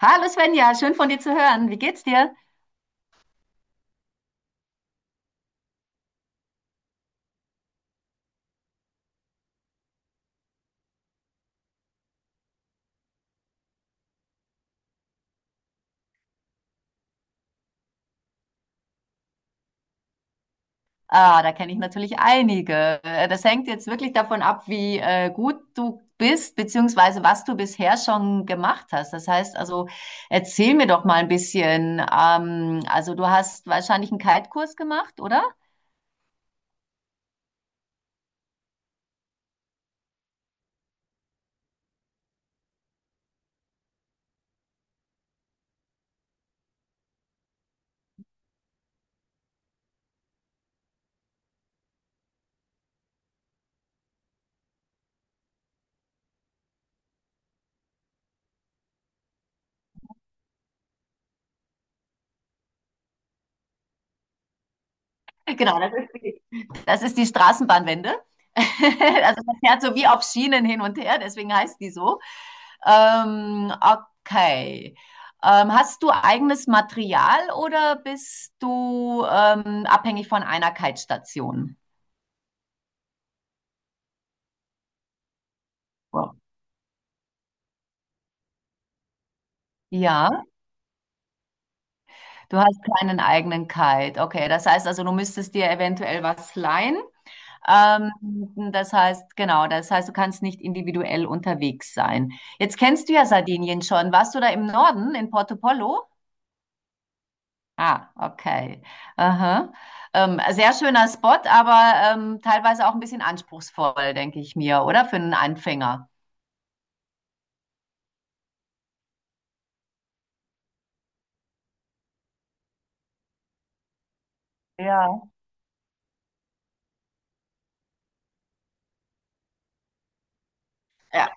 Hallo Svenja, schön von dir zu hören. Wie geht's dir? Ah, da kenne ich natürlich einige. Das hängt jetzt wirklich davon ab, wie gut du bist, beziehungsweise was du bisher schon gemacht hast. Das heißt also, erzähl mir doch mal ein bisschen. Also du hast wahrscheinlich einen Kite-Kurs gemacht, oder? Genau, das ist Das ist die Straßenbahnwende. Also man fährt so wie auf Schienen hin und her, deswegen heißt die so. Ähm, okay. Hast du eigenes Material oder bist du abhängig von einer Kite-Station? Ja. Ja, du hast keinen eigenen Kite. Okay, das heißt also, du müsstest dir eventuell was leihen. Ähm, Das heißt, genau, das heißt, du kannst nicht individuell unterwegs sein. Jetzt kennst du ja Sardinien schon. Warst du da im Norden, in Porto Pollo? Ah, okay. Aha. Sehr schöner Spot, aber teilweise auch ein bisschen anspruchsvoll, denke ich mir, oder? Für einen Anfänger. Ja. Ja.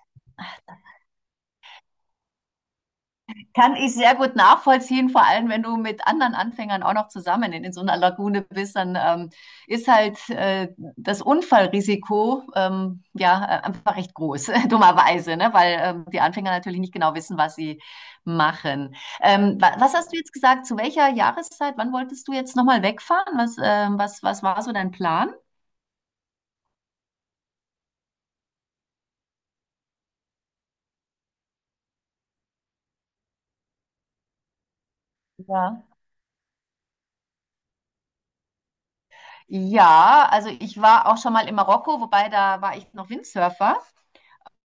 Kann ich sehr gut nachvollziehen, vor allem wenn du mit anderen Anfängern auch noch zusammen in so einer Lagune bist, dann ist halt das Unfallrisiko ja einfach recht groß, dummerweise, ne? Weil die Anfänger natürlich nicht genau wissen, was sie machen. Wa Was hast du jetzt gesagt? Zu welcher Jahreszeit? Wann wolltest du jetzt nochmal wegfahren? Was war so dein Plan? Ja. Ja, also ich war auch schon mal in Marokko, wobei da war ich noch Windsurfer.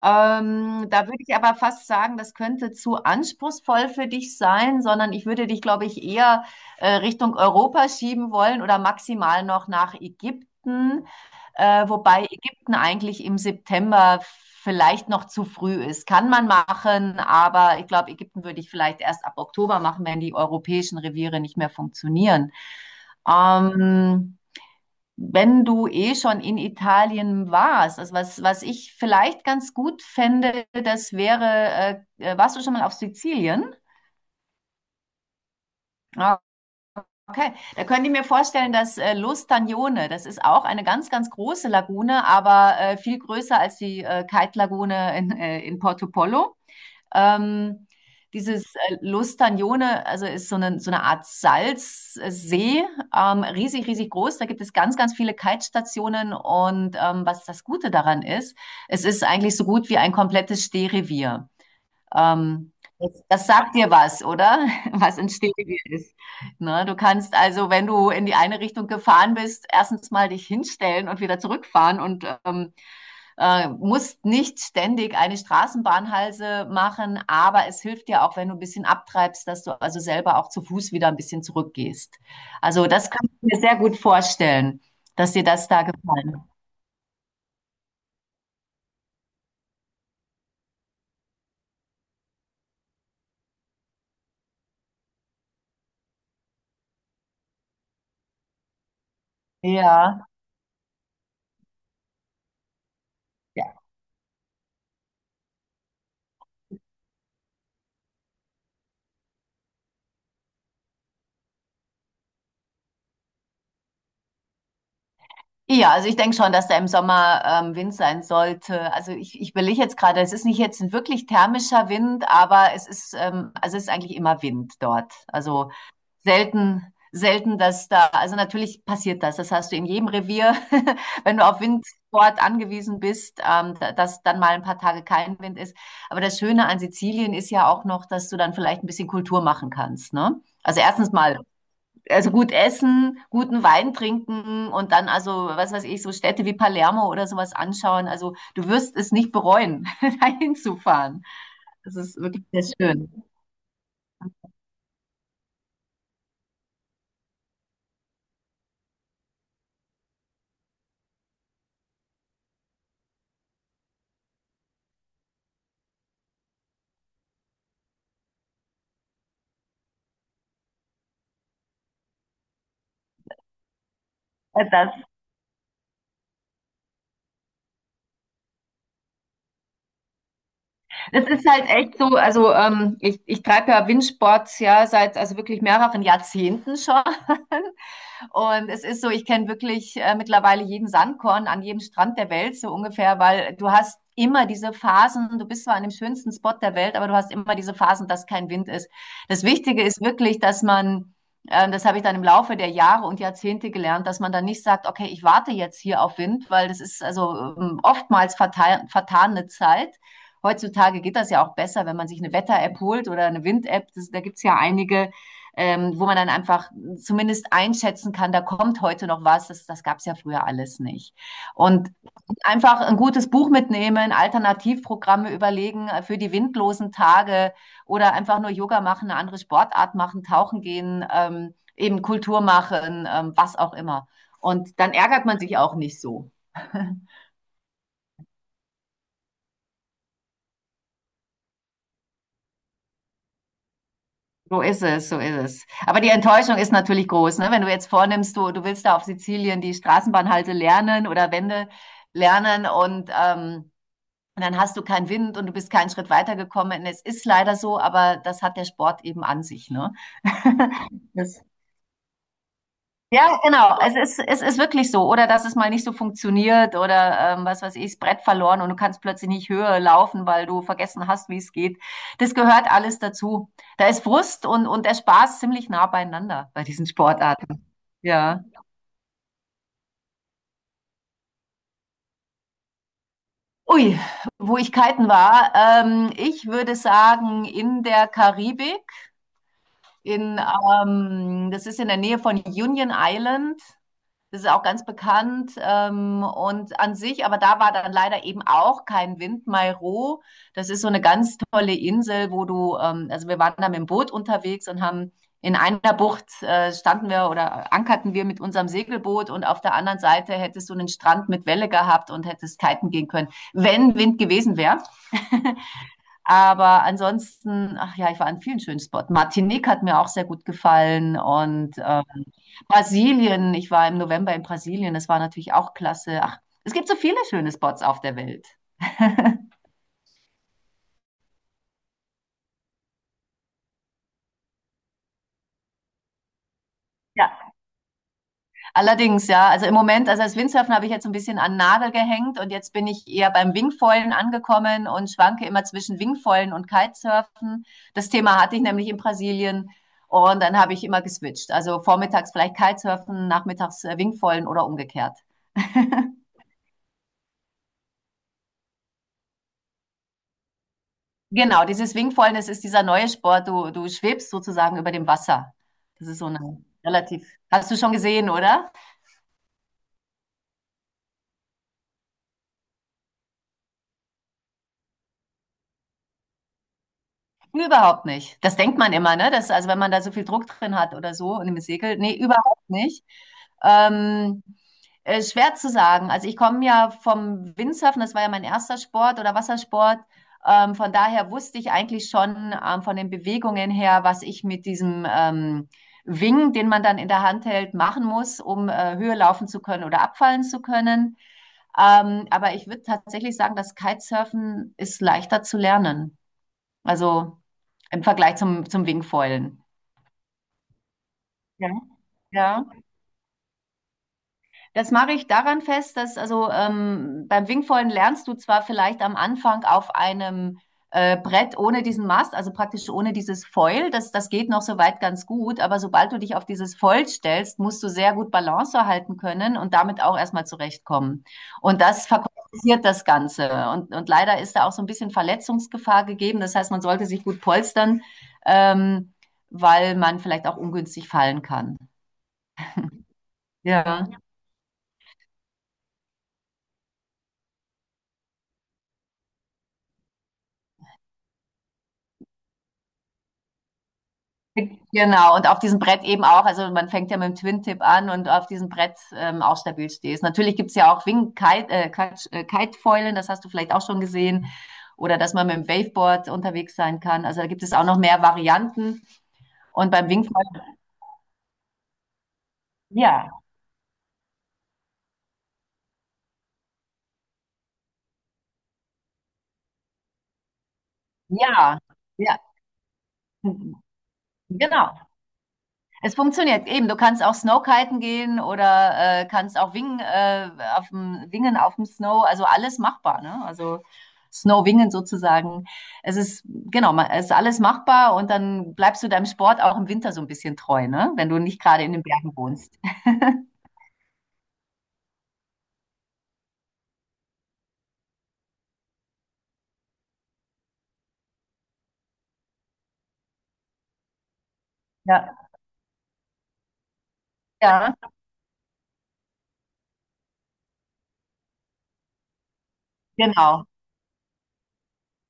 Da würde ich aber fast sagen, das könnte zu anspruchsvoll für dich sein, sondern ich würde dich, glaube ich, eher Richtung Europa schieben wollen oder maximal noch nach Ägypten, wobei Ägypten eigentlich im September vielleicht noch zu früh ist. Kann man machen, aber ich glaube, Ägypten würde ich vielleicht erst ab Oktober machen, wenn die europäischen Reviere nicht mehr funktionieren. Ähm, Wenn du eh schon in Italien warst, also was ich vielleicht ganz gut fände, das wäre, warst du schon mal auf Sizilien? Ah, okay, da könnt ihr mir vorstellen, dass L'Ostagnone, das ist auch eine ganz, ganz große Lagune, aber viel größer als die Kite-Lagune in Portopollo. Ähm, Dieses Lustagnone, also ist so eine Art Salzsee, riesig, riesig groß. Da gibt es ganz, ganz viele Kite-Stationen und was das Gute daran ist, es ist eigentlich so gut wie ein komplettes Stehrevier. Ähm, Das sagt dir was, oder? Was ein Stehrevier ist. Ne? Du kannst also, wenn du in die eine Richtung gefahren bist, erstens mal dich hinstellen und wieder zurückfahren und musst nicht ständig eine Straßenbahnhalse machen, aber es hilft dir auch, wenn du ein bisschen abtreibst, dass du also selber auch zu Fuß wieder ein bisschen zurückgehst. Also das kann ich mir sehr gut vorstellen, dass dir das da gefallen hat. Ja. Ja, ja, also ich denke schon, dass da im Sommer Wind sein sollte. Ich überlege jetzt gerade, es ist nicht jetzt ein wirklich thermischer Wind, aber es ist, also es ist eigentlich immer Wind dort. Also selten, selten, dass da, also natürlich passiert das. Das hast du in jedem Revier, wenn du auf Windsport angewiesen bist, dass dann mal ein paar Tage kein Wind ist. Aber das Schöne an Sizilien ist ja auch noch, dass du dann vielleicht ein bisschen Kultur machen kannst, ne? Also erstens mal, also gut essen, guten Wein trinken und dann also, was weiß ich, so Städte wie Palermo oder sowas anschauen. Also du wirst es nicht bereuen, dahin zu fahren. Das ist wirklich sehr schön. Das Das ist halt echt so, also ich treibe ja Windsports ja seit also wirklich mehreren Jahrzehnten schon. Und es ist so, ich kenne wirklich mittlerweile jeden Sandkorn an jedem Strand der Welt so ungefähr, weil du hast immer diese Phasen, du bist zwar an dem schönsten Spot der Welt, aber du hast immer diese Phasen, dass kein Wind ist. Das Wichtige ist wirklich, dass man das habe ich dann im Laufe der Jahre und Jahrzehnte gelernt, dass man dann nicht sagt, okay, ich warte jetzt hier auf Wind, weil das ist also oftmals vertane Zeit. Heutzutage geht das ja auch besser, wenn man sich eine Wetter-App holt oder eine Wind-App. Da gibt's ja einige, wo man dann einfach zumindest einschätzen kann, da kommt heute noch was. Das gab's ja früher alles nicht. Und einfach ein gutes Buch mitnehmen, Alternativprogramme überlegen für die windlosen Tage oder einfach nur Yoga machen, eine andere Sportart machen, tauchen gehen, eben Kultur machen, was auch immer. Und dann ärgert man sich auch nicht so. So ist es, so ist es. Aber die Enttäuschung ist natürlich groß, ne? Wenn du jetzt vornimmst, du willst da auf Sizilien die Straßenbahnhalte lernen oder Wände lernen und dann hast du keinen Wind und du bist keinen Schritt weitergekommen. Es ist leider so, aber das hat der Sport eben an sich, ne? Das Ja, genau. Es ist wirklich so. Oder dass es mal nicht so funktioniert oder was weiß ich, das Brett verloren und du kannst plötzlich nicht höher laufen, weil du vergessen hast, wie es geht. Das gehört alles dazu. Da ist Frust und der Spaß ziemlich nah beieinander bei diesen Sportarten. Ja. Ui, wo ich kiten war. Ich würde sagen, in der Karibik, das ist in der Nähe von Union Island. Das ist auch ganz bekannt und an sich, aber da war dann leider eben auch kein Wind. Mairo, das ist so eine ganz tolle Insel, wo also wir waren da mit dem Boot unterwegs und haben in einer Bucht standen wir oder ankerten wir mit unserem Segelboot und auf der anderen Seite hättest du einen Strand mit Welle gehabt und hättest kiten gehen können, wenn Wind gewesen wäre. Aber ansonsten, ach ja, ich war an vielen schönen Spots. Martinique hat mir auch sehr gut gefallen und Brasilien, ich war im November in Brasilien, das war natürlich auch klasse. Ach, es gibt so viele schöne Spots auf der Welt. Ja. Allerdings, ja, also im Moment, also als Windsurfen habe ich jetzt so ein bisschen an den Nagel gehängt und jetzt bin ich eher beim Wingfoilen angekommen und schwanke immer zwischen Wingfoilen und Kitesurfen. Das Thema hatte ich nämlich in Brasilien und dann habe ich immer geswitcht. Also vormittags vielleicht Kitesurfen, nachmittags Wingfoilen oder umgekehrt. Genau, dieses Wingfoilen, das ist dieser neue Sport. Du schwebst sozusagen über dem Wasser. Das ist so eine relativ. Hast du schon gesehen, oder? Überhaupt nicht. Das denkt man immer, ne? Das, also wenn man da so viel Druck drin hat oder so und im Segel. Nee, überhaupt nicht. Ähm, Schwer zu sagen. Also ich komme ja vom Windsurfen, das war ja mein erster Sport oder Wassersport. Von daher wusste ich eigentlich schon von den Bewegungen her, was ich mit diesem Wing, den man dann in der Hand hält, machen muss, um Höhe laufen zu können oder abfallen zu können. Aber ich würde tatsächlich sagen, das Kitesurfen ist leichter zu lernen. Also im Vergleich zum Wingfoilen. Ja. Ja. Das mache ich daran fest, dass also beim Wingfoilen lernst du zwar vielleicht am Anfang auf einem Brett ohne diesen Mast, also praktisch ohne dieses Foil, das geht noch soweit ganz gut, aber sobald du dich auf dieses Foil stellst, musst du sehr gut Balance erhalten können und damit auch erstmal zurechtkommen. Und das verkompliziert das Ganze. Und leider ist da auch so ein bisschen Verletzungsgefahr gegeben. Das heißt, man sollte sich gut polstern, ähm, weil man vielleicht auch ungünstig fallen kann. Ja. Genau, und auf diesem Brett eben auch, also man fängt ja mit dem Twin-Tip an und auf diesem Brett auch stabil stehst. Natürlich gibt's ja auch Wing-Kite, Kite-Foilen, das hast du vielleicht auch schon gesehen. Oder dass man mit dem Waveboard unterwegs sein kann. Also da gibt es auch noch mehr Varianten. Und beim Wingfoil, ja, ja, ja, genau. Es funktioniert eben. Du kannst auch Snowkiten gehen oder kannst auch auf dem, wingen auf dem Snow. Also alles machbar, ne? Also Snowwingen sozusagen. Genau, es ist alles machbar und dann bleibst du deinem Sport auch im Winter so ein bisschen treu, ne? Wenn du nicht gerade in den Bergen wohnst. Ja, ja, genau,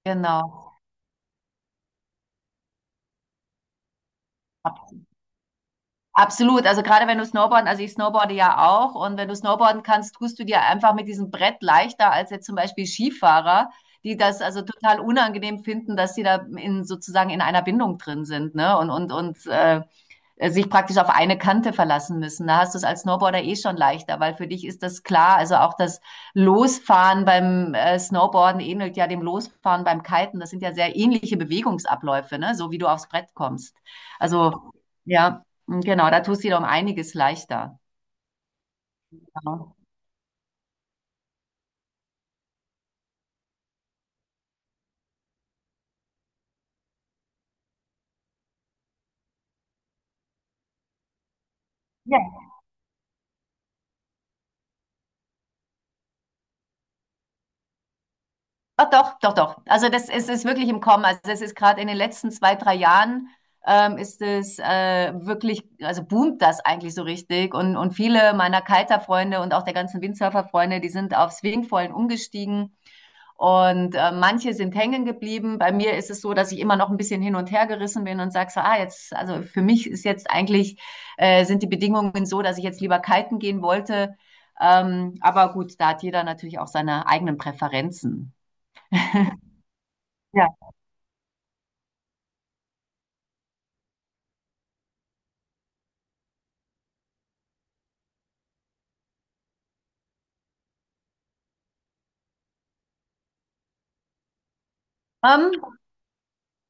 genau. Absolut, also gerade wenn du Snowboarden, also ich snowboarde ja auch und wenn du Snowboarden kannst, tust du dir einfach mit diesem Brett leichter als jetzt zum Beispiel Skifahrer, die das also total unangenehm finden, dass sie da in sozusagen in einer Bindung drin sind, ne? Sich praktisch auf eine Kante verlassen müssen. Da hast du es als Snowboarder eh schon leichter, weil für dich ist das klar. Also auch das Losfahren beim Snowboarden ähnelt ja dem Losfahren beim Kiten. Das sind ja sehr ähnliche Bewegungsabläufe, ne? So wie du aufs Brett kommst. Also ja, genau, da tust du dir um einiges leichter. Ja. Ah, doch, doch, doch. Also das es ist wirklich im Kommen. Also das ist gerade in den letzten zwei, drei Jahren ist es wirklich, also boomt das eigentlich so richtig. Und viele meiner Kiter-Freunde und auch der ganzen Windsurfer-Freunde, die sind auf Swingfoilen umgestiegen. Und manche sind hängen geblieben. Bei mir ist es so, dass ich immer noch ein bisschen hin und her gerissen bin und sage so, ah, jetzt, also für mich ist jetzt eigentlich, sind die Bedingungen so, dass ich jetzt lieber kiten gehen wollte. Aber gut, da hat jeder natürlich auch seine eigenen Präferenzen. Ja. Ähm,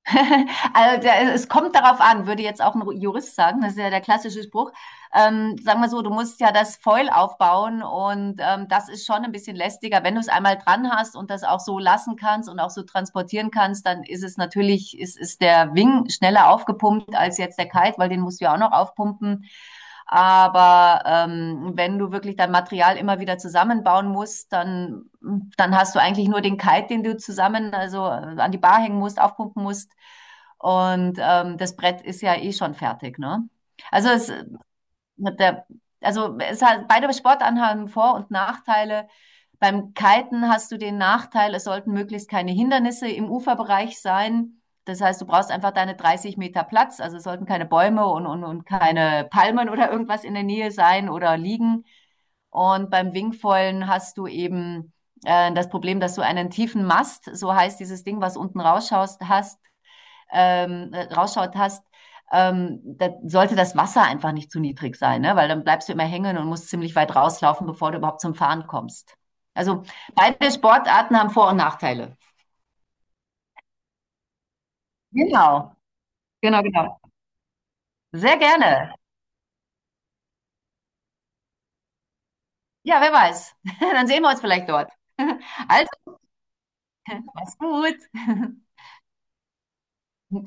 also es kommt darauf an, würde jetzt auch ein Jurist sagen, das ist ja der klassische Spruch. Sagen wir so, du musst ja das Foil aufbauen und das ist schon ein bisschen lästiger. Wenn du es einmal dran hast und das auch so lassen kannst und auch so transportieren kannst, dann ist es natürlich, ist der Wing schneller aufgepumpt als jetzt der Kite, weil den musst du ja auch noch aufpumpen. Aber wenn du wirklich dein Material immer wieder zusammenbauen musst, dann hast du eigentlich nur den Kite, den du zusammen, also an die Bar hängen musst, aufpumpen musst. Und das Brett ist ja eh schon fertig, ne? Also es, mit der, also es hat, beide Sportarten haben Vor- und Nachteile. Beim Kiten hast du den Nachteil, es sollten möglichst keine Hindernisse im Uferbereich sein. Das heißt, du brauchst einfach deine 30 Meter Platz. Also es sollten keine Bäume und keine Palmen oder irgendwas in der Nähe sein oder liegen. Und beim Wingfoilen hast du eben das Problem, dass du einen tiefen Mast, so heißt dieses Ding, was unten rausschaust, hast rausschaut hast, da sollte das Wasser einfach nicht zu niedrig sein, ne? Weil dann bleibst du immer hängen und musst ziemlich weit rauslaufen, bevor du überhaupt zum Fahren kommst. Also beide Sportarten haben Vor- und Nachteile. Genau, genau, genau. Sehr gerne. Ja, wer weiß. Dann sehen wir uns vielleicht dort. Also, mach's gut.